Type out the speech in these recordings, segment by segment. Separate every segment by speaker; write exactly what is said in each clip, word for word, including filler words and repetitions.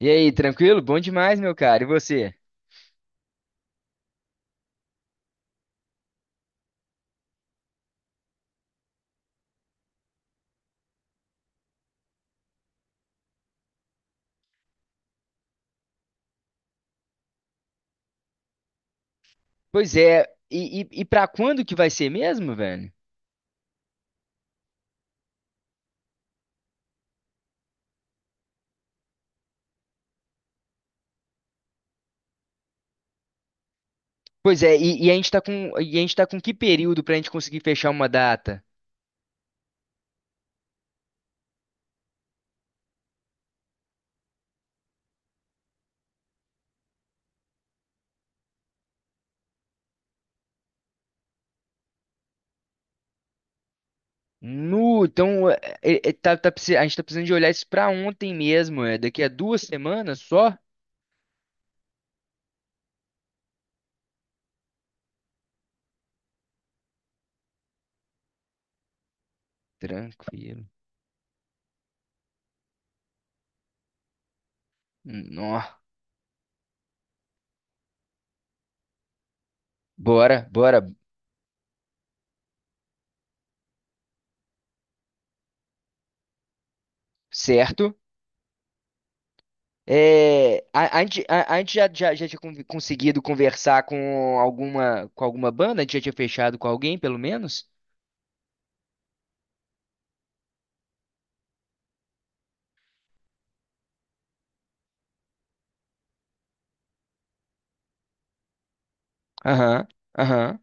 Speaker 1: E aí, tranquilo? Bom demais, meu cara. E você? Pois é, e, e, e pra quando que vai ser mesmo, velho? Pois é, e, e a gente tá com, e a gente tá com que período pra gente conseguir fechar uma data? Nu, então, é, é, tá, tá precis- a gente tá precisando de olhar isso pra ontem mesmo, é daqui a duas semanas só? Tranquilo. Nó. Bora, bora. Certo? É, a, a gente, a, a gente já, já, já tinha con- conseguido conversar com alguma, com alguma banda? A gente já tinha fechado com alguém, pelo menos? Aham, aham,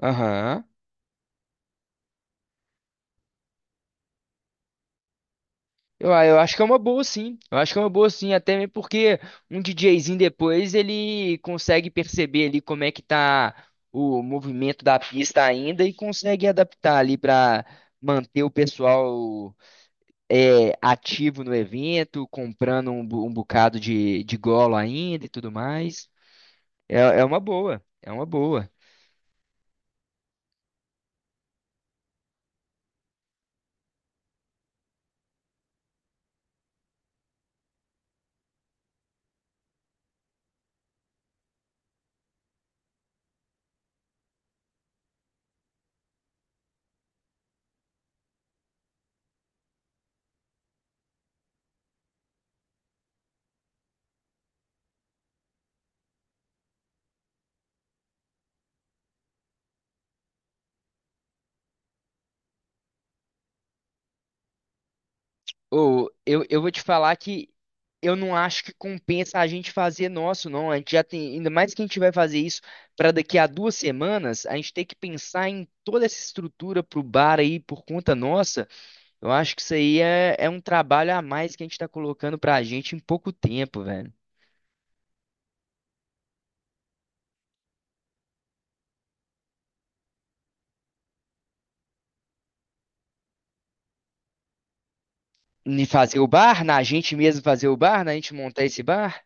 Speaker 1: aham. Eu, ah, eu acho que é uma boa, sim. Eu acho que é uma boa, sim, até mesmo porque um DJzinho depois ele consegue perceber ali como é que tá o movimento da pista ainda e consegue adaptar ali para manter o pessoal é, ativo no evento, comprando um, bo- um bocado de, de golo ainda e tudo mais. É, é uma boa, é uma boa. Ou eu, eu vou te falar que eu não acho que compensa a gente fazer nosso, não. A gente já tem, ainda mais que a gente vai fazer isso para daqui a duas semanas, a gente tem que pensar em toda essa estrutura pro bar aí por conta nossa. Eu acho que isso aí é, é um trabalho a mais que a gente tá colocando pra gente em pouco tempo, velho. Em fazer o bar, na gente mesmo fazer o bar, na gente montar esse bar.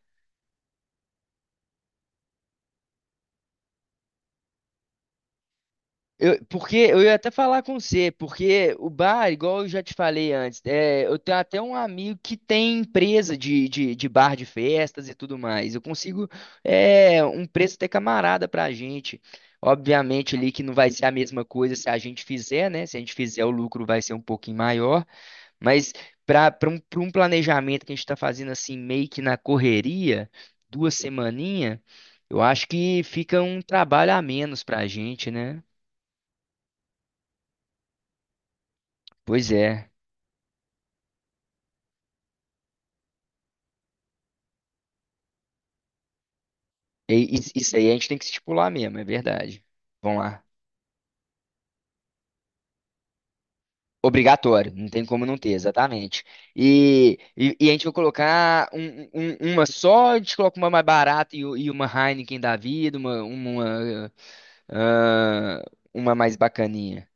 Speaker 1: Eu- porque eu ia até falar com você, porque o bar, igual eu já te falei antes, é, eu tenho até um amigo que tem empresa de, de, de bar de festas e tudo mais. Eu consigo é, um preço até camarada pra gente. Obviamente ali que não vai ser a mesma coisa se a gente fizer, né? Se a gente fizer, o lucro vai ser um pouquinho maior, mas para um, pra um planejamento que a gente está fazendo assim, meio que na correria, duas semaninhas, eu acho que fica um trabalho a menos pra gente, né? Pois é. E- e- isso aí a gente tem que estipular mesmo, é verdade. Vamos lá. Obrigatório, não tem como não ter, exatamente. E, e, e a gente vai colocar um- um- uma só, a gente coloca uma mais barata e, u- e uma Heineken da vida, uma, uma, ah, uma mais bacaninha.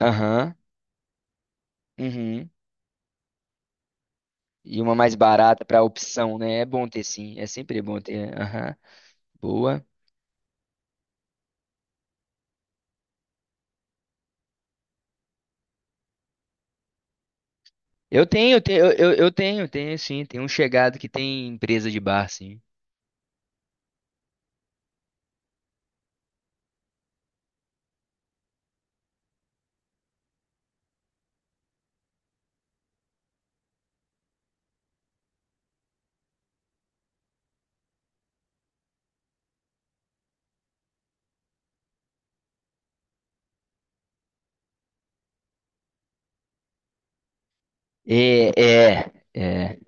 Speaker 1: Aham, uhum. E uma mais barata para opção, né? É bom ter, sim, é sempre bom ter. Aham, boa. Eu tenho, eu tenho, eu, eu eu tenho, tenho sim. Tem um chegado que tem empresa de bar, sim. É, é, é.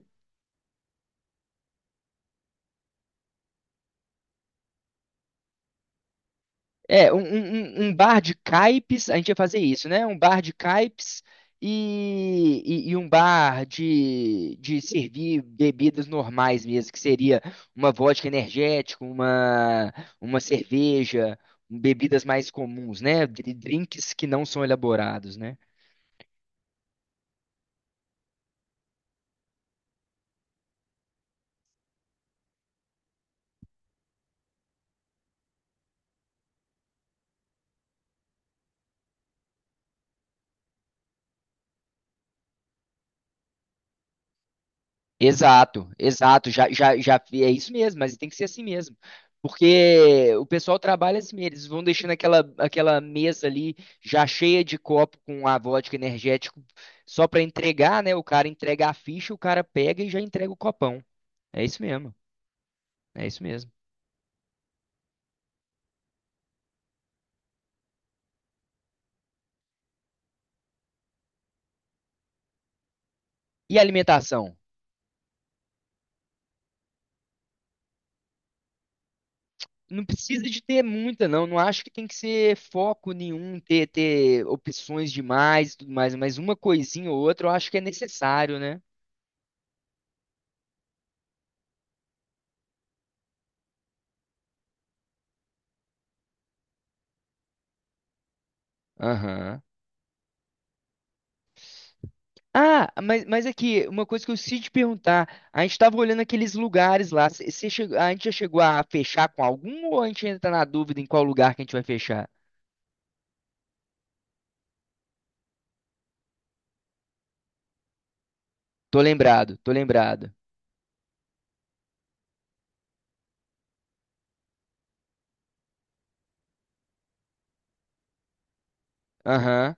Speaker 1: É, um, um- um- um bar de caipes, a gente ia fazer isso, né? Um bar de caipes e, e, e um bar de, de servir bebidas normais mesmo, que seria uma vodka energética, uma, uma cerveja, bebidas mais comuns, né? Dri- Drinks que não são elaborados, né? Exato, exato, já, já, já é isso mesmo, mas tem que ser assim mesmo. Porque o pessoal trabalha assim, eles vão deixando aquela, aquela mesa ali já cheia de copo com a vodka energético só para entregar, né? O cara entrega a ficha, o cara pega e já entrega o copão. É isso mesmo, é isso mesmo. E alimentação? Não precisa de ter muita, não. Não acho que tem que ser foco nenhum, ter, ter opções demais e tudo mais, mas uma coisinha ou outra eu acho que é necessário, né? Aham. Ah, mas, mas aqui, uma coisa que eu preciso te perguntar, a gente tava olhando aqueles lugares lá, cê- cê chegou- a gente já chegou a fechar com algum ou a gente ainda tá na dúvida em qual lugar que a gente vai fechar? Tô lembrado, tô lembrado. Aham.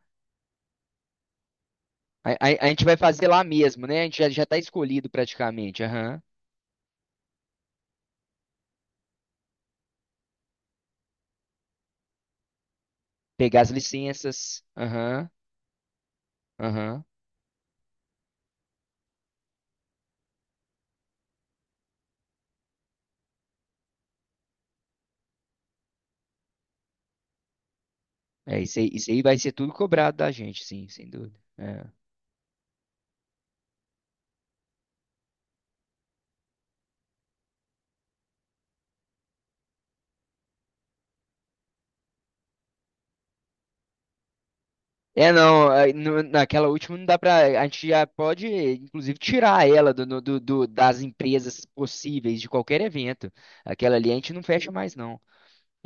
Speaker 1: A, a- a gente vai fazer lá mesmo, né? A gente já, já tá escolhido praticamente, aham. Pegar as licenças, aham, aham. É, isso aí, isso aí vai ser tudo cobrado da gente, sim, sem dúvida. É. É, não, aí no- naquela última não dá pra. A gente já pode, inclusive, tirar ela do, no- do, do- das empresas possíveis de qualquer evento. Aquela ali a gente não fecha mais, não.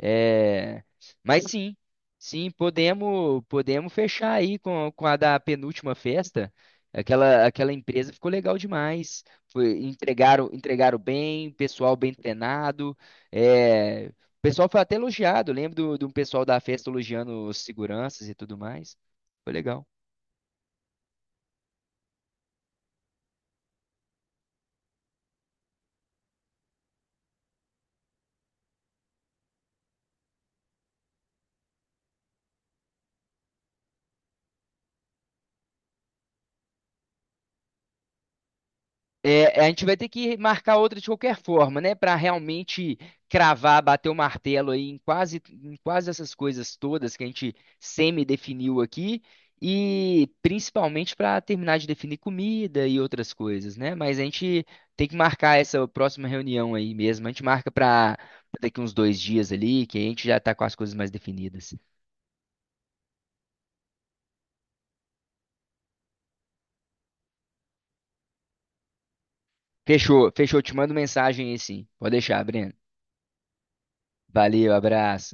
Speaker 1: É, mas sim, sim, podemos podemos fechar aí com, com a da penúltima festa. Aquela, aquela empresa ficou legal demais. Foi- entregaram, entregaram bem, pessoal bem treinado. É, o pessoal foi até elogiado. Lembro do, do pessoal da festa elogiando os seguranças e tudo mais. Foi legal. É, a gente vai ter que marcar outra de qualquer forma, né? Para realmente cravar, bater o martelo aí em quase, em quase essas coisas todas que a gente semi-definiu aqui, e principalmente para terminar de definir comida e outras coisas, né? Mas a gente tem que marcar essa próxima reunião aí mesmo. A gente marca para daqui uns dois dias ali, que a gente já tá com as coisas mais definidas. Fechou, fechou. Te mando mensagem aí, sim. Pode deixar, Breno. Valeu, abraço.